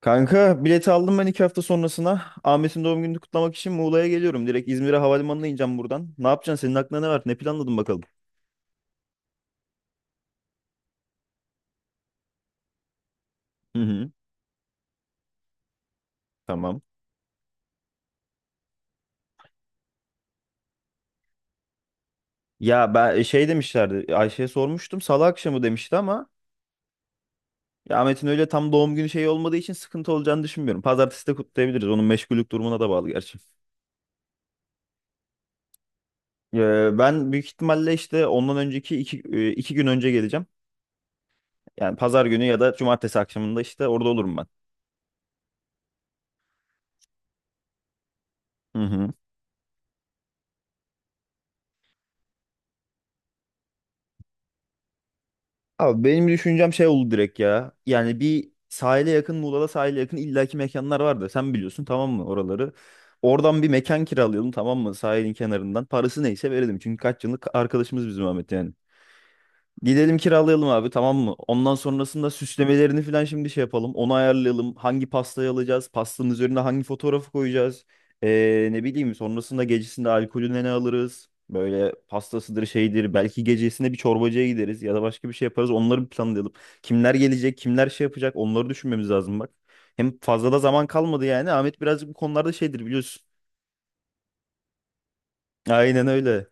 Kanka bileti aldım ben iki hafta sonrasına. Ahmet'in doğum gününü kutlamak için Muğla'ya geliyorum. Direkt İzmir'e havalimanına ineceğim buradan. Ne yapacaksın? Senin aklına ne var? Ne planladın bakalım? Hı hı. Tamam. Ya ben şey demişlerdi. Ayşe'ye sormuştum. Salı akşamı demişti ama ya Ahmet'in öyle tam doğum günü şeyi olmadığı için sıkıntı olacağını düşünmüyorum. Pazartesi de kutlayabiliriz. Onun meşgullük durumuna da bağlı gerçi. Ben büyük ihtimalle işte ondan önceki iki gün önce geleceğim. Yani pazar günü ya da cumartesi akşamında işte orada olurum ben. Hı hı. Abi benim düşüncem şey oldu direkt ya. Yani bir sahile yakın, Muğla'da sahile yakın illaki mekanlar vardı. Sen biliyorsun tamam mı oraları. Oradan bir mekan kiralayalım tamam mı sahilin kenarından. Parası neyse verelim. Çünkü kaç yıllık arkadaşımız bizim Ahmet yani. Gidelim kiralayalım abi tamam mı? Ondan sonrasında süslemelerini falan şimdi şey yapalım. Onu ayarlayalım. Hangi pastayı alacağız? Pastanın üzerine hangi fotoğrafı koyacağız? Ne bileyim sonrasında gecesinde alkolüne ne alırız? Böyle pastasıdır şeydir. Belki gecesinde bir çorbacıya gideriz ya da başka bir şey yaparız. Onları bir planlayalım. Kimler gelecek? Kimler şey yapacak? Onları düşünmemiz lazım bak. Hem fazla da zaman kalmadı yani. Ahmet birazcık bu konularda şeydir biliyorsun. Aynen öyle.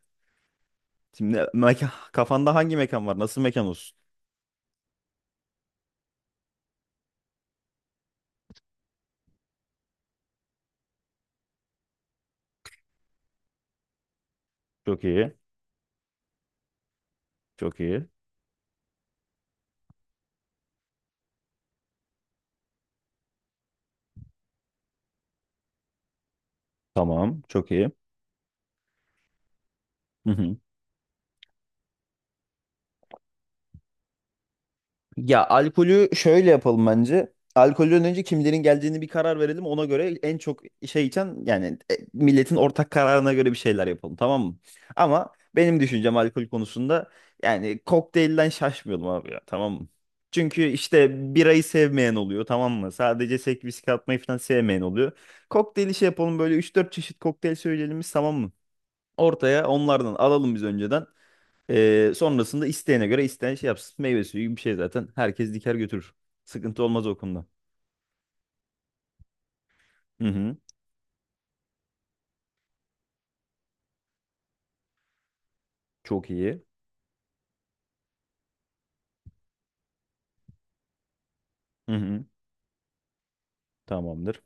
Şimdi mekan, kafanda hangi mekan var? Nasıl mekan olsun? Çok iyi. Çok iyi. Tamam. Çok iyi. Hı hı. Ya alkolü şöyle yapalım bence. Alkolden önce kimlerin geldiğini bir karar verelim. Ona göre en çok şey içen yani milletin ortak kararına göre bir şeyler yapalım tamam mı? Ama benim düşüncem alkol konusunda yani kokteylden şaşmıyorum abi ya tamam mı? Çünkü işte birayı sevmeyen oluyor tamam mı? Sadece sek viski atmayı falan sevmeyen oluyor. Kokteyli şey yapalım böyle üç dört çeşit kokteyl söyleyelim biz tamam mı? Ortaya onlardan alalım biz önceden. Sonrasında isteyene göre isteyen şey yapsın. Meyve suyu gibi bir şey zaten. Herkes diker götürür. Sıkıntı olmaz o konuda. Hı hı. Çok iyi. Hı hı. Tamamdır.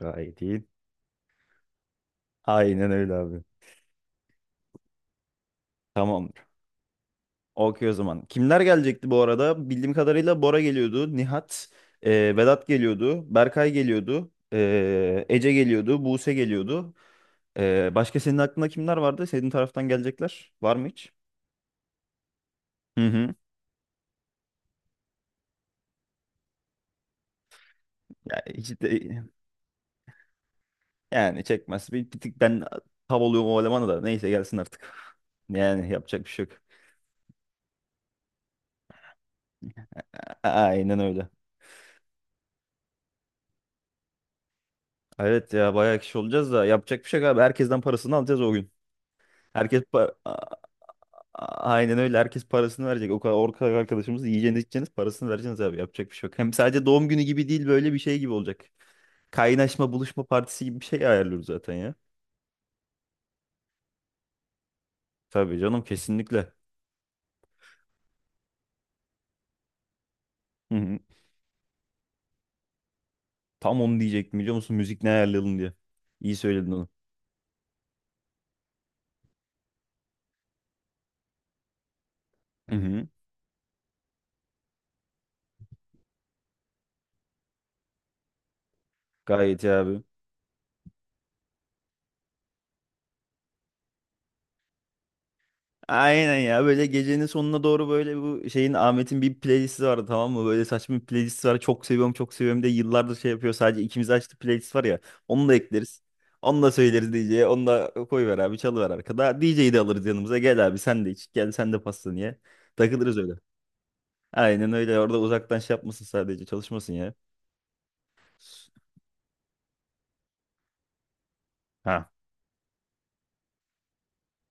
Gayet iyi. Aynen öyle abi. Tamamdır. Okey o zaman. Kimler gelecekti bu arada? Bildiğim kadarıyla Bora geliyordu. Nihat, e, Vedat geliyordu. Berkay geliyordu. Ece geliyordu. Buse geliyordu. Başka senin aklında kimler vardı? Senin taraftan gelecekler. Var mı hiç? Hı hı. Ya hiç de... Yani çekmez. Bir tık ben tav oluyorum o elemana da. Neyse gelsin artık. Yani yapacak bir şey yok. Aynen öyle. Evet ya bayağı kişi olacağız da yapacak bir şey yok abi. Herkesten parasını alacağız o gün. Herkes pa- A- a- aynen öyle. Herkes parasını verecek. O kadar arkadaşımız yiyeceğiniz içeceğiniz parasını vereceğiniz abi. Yapacak bir şey yok. Hem sadece doğum günü gibi değil böyle bir şey gibi olacak. Kaynaşma buluşma partisi gibi bir şey ayarlıyoruz zaten ya. Tabii canım kesinlikle. Hı hı. Tam onu diyecektim biliyor musun? Müzik ne ayarlayalım diye. İyi söyledin onu. Hı hı. Gayet iyi abi. Aynen ya böyle gecenin sonuna doğru böyle bu şeyin Ahmet'in bir playlisti vardı tamam mı? Böyle saçma bir playlisti var. Çok seviyorum çok seviyorum de yıllardır şey yapıyor sadece ikimiz açtı playlist var ya. Onu da ekleriz. Onu da söyleriz DJ'ye. Onu da koyver abi çalıver arkada. DJ'yi de alırız yanımıza. Gel abi sen de iç. Gel sen de pastanı ye. Takılırız öyle. Aynen öyle orada uzaktan şey yapmasın sadece çalışmasın ya. Ha.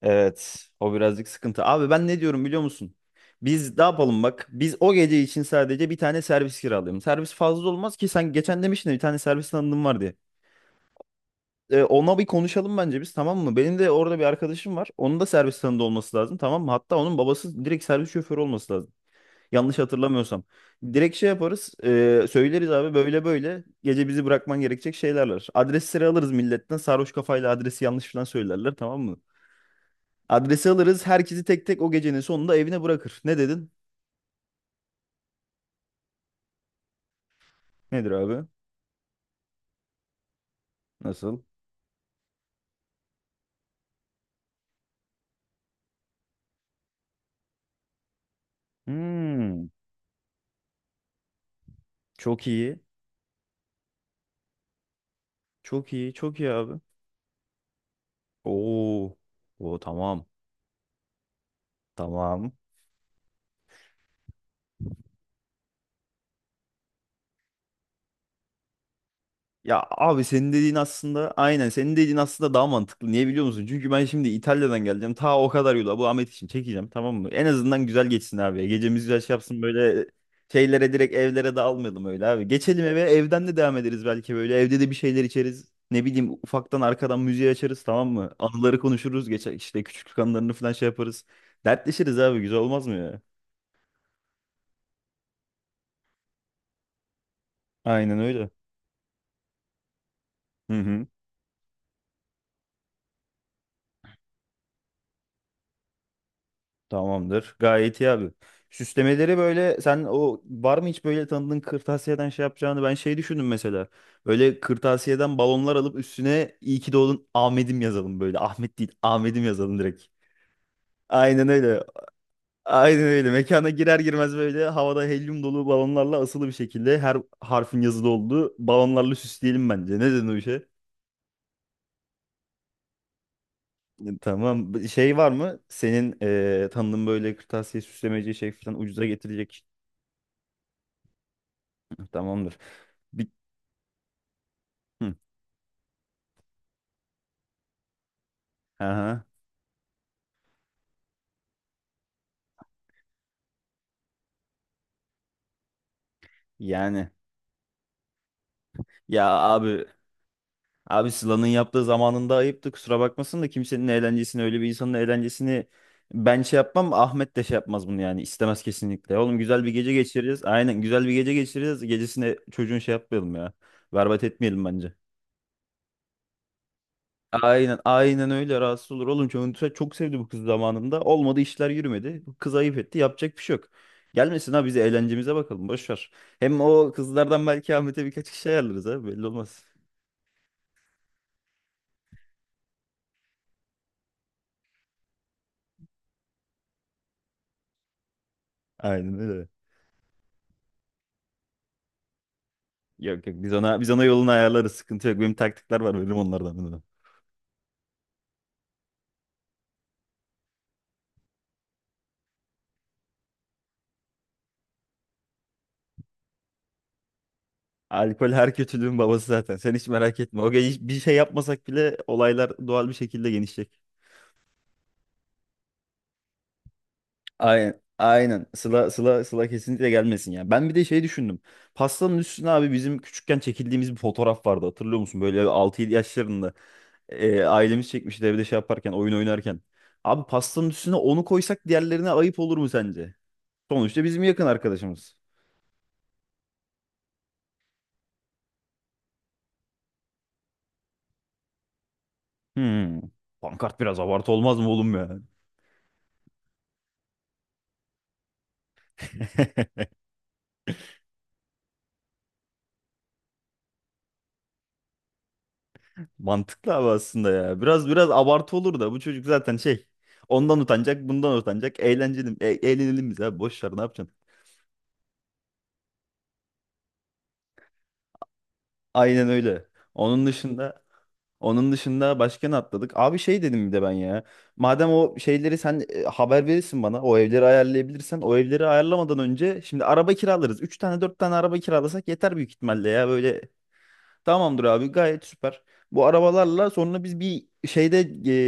Evet, o birazcık sıkıntı. Abi ben ne diyorum biliyor musun? Biz ne yapalım bak. Biz o gece için sadece bir tane servis kiralayalım. Servis fazla olmaz ki sen geçen demiştin ya, bir tane servis tanıdığım var diye. Ona bir konuşalım bence biz tamam mı? Benim de orada bir arkadaşım var. Onun da servis tanıdığı olması lazım tamam mı? Hatta onun babası direkt servis şoförü olması lazım. Yanlış hatırlamıyorsam. Direkt şey yaparız. Söyleriz abi böyle böyle. Gece bizi bırakman gerekecek şeyler var. Adresleri alırız milletten. Sarhoş kafayla adresi yanlış falan söylerler tamam mı? Adresi alırız. Herkesi tek tek o gecenin sonunda evine bırakır. Ne dedin? Nedir abi? Nasıl? Hmm, çok iyi. Çok iyi. Çok iyi abi. Oo. Oo tamam. Tamam. Ya abi senin dediğin aslında aynen senin dediğin aslında daha mantıklı. Niye biliyor musun? Çünkü ben şimdi İtalya'dan geleceğim. Ta o kadar yola bu Ahmet için çekeceğim tamam mı? En azından güzel geçsin abi. Gecemiz güzel şey yapsın böyle şeylere direkt evlere dağılmayalım öyle abi. Geçelim eve evden de devam ederiz belki böyle. Evde de bir şeyler içeriz. Ne bileyim ufaktan arkadan müziği açarız tamam mı? Anıları konuşuruz. Geçer işte küçüklük anılarını falan şey yaparız. Dertleşiriz abi güzel olmaz mı ya? Aynen öyle. Hı hı. Tamamdır. Gayet iyi abi. Süslemeleri böyle sen o var mı hiç böyle tanıdığın kırtasiyeden şey yapacağını ben şey düşündüm mesela. Böyle kırtasiyeden balonlar alıp üstüne iyi ki doğdun Ahmet'im yazalım böyle. Ahmet değil Ahmet'im yazalım direkt. Aynen öyle. Aynen öyle. Mekana girer girmez böyle havada helyum dolu balonlarla asılı bir şekilde her harfin yazılı olduğu balonlarla süsleyelim bence. Ne dedin o işe? Tamam. Şey var mı? Senin tanıdığın böyle kırtasiye süslemeci şey falan ucuza getirecek. Tamamdır. Hı. Aha, yani ya abi Sıla'nın yaptığı zamanında ayıptı kusura bakmasın da kimsenin eğlencesini öyle bir insanın eğlencesini ben şey yapmam Ahmet de şey yapmaz bunu yani istemez kesinlikle. Oğlum güzel bir gece geçireceğiz aynen güzel bir gece geçireceğiz gecesine çocuğun şey yapmayalım ya berbat etmeyelim bence. Aynen aynen öyle rahatsız olur oğlum çok, çok sevdi bu kız zamanında olmadı işler yürümedi bu kız ayıp etti yapacak bir şey yok. Gelmesin ha biz eğlencemize bakalım boş ver. Hem o kızlardan belki Ahmet'e birkaç kişi ayarlarız ha belli olmaz. Aynen öyle. Yok yok biz ona yolunu ayarlarız. Sıkıntı yok. Benim taktikler var. Benim onlardan. Alkol her kötülüğün babası zaten. Sen hiç merak etme. O gece bir şey yapmasak bile olaylar doğal bir şekilde genişleyecek. Aynen. Aynen. Sıla, Sıla, Sıla kesinlikle gelmesin ya. Ben bir de şey düşündüm. Pastanın üstüne abi bizim küçükken çekildiğimiz bir fotoğraf vardı. Hatırlıyor musun? Böyle altı 7 yaşlarında. Ailemiz çekmişti evde şey yaparken, oyun oynarken. Abi pastanın üstüne onu koysak diğerlerine ayıp olur mu sence? Sonuçta bizim yakın arkadaşımız. Hmm. Pankart biraz abartı olmaz mı oğlum ya? Mantıklı abi aslında ya. Biraz biraz abartı olur da bu çocuk zaten şey. Ondan utanacak, bundan utanacak. Eğlenceli, eğlenelim biz abi. Boş ver, ne yapacaksın? Aynen öyle. Onun dışında onun dışında başka ne atladık? Abi şey dedim bir de ben ya. Madem o şeyleri sen haber verirsin bana. O evleri ayarlayabilirsen. O evleri ayarlamadan önce şimdi araba kiralarız. 3 tane 4 tane araba kiralasak yeter büyük ihtimalle ya. Böyle. Tamamdır abi gayet süper. Bu arabalarla sonra biz bir şeyde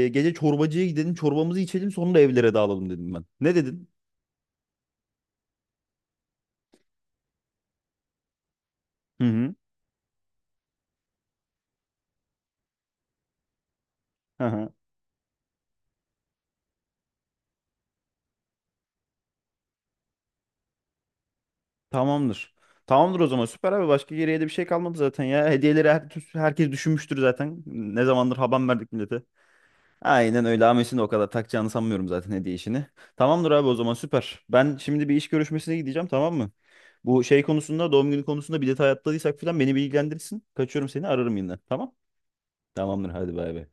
gece çorbacıya gidelim çorbamızı içelim sonra evlere dağılalım dedim ben. Ne dedin? Hı hı. Hı hı. Tamamdır. Tamamdır o zaman süper abi başka geriye de bir şey kalmadı zaten ya. Hediyeleri herkes düşünmüştür zaten. Ne zamandır haber verdik millete. Aynen öyle Ames'in de o kadar takacağını sanmıyorum zaten hediye işini. Tamamdır abi o zaman süper. Ben şimdi bir iş görüşmesine gideceğim tamam mı? Bu şey konusunda doğum günü konusunda bir detay atladıysak falan beni bilgilendirirsin. Kaçıyorum seni ararım yine tamam? Tamamdır hadi bay bay.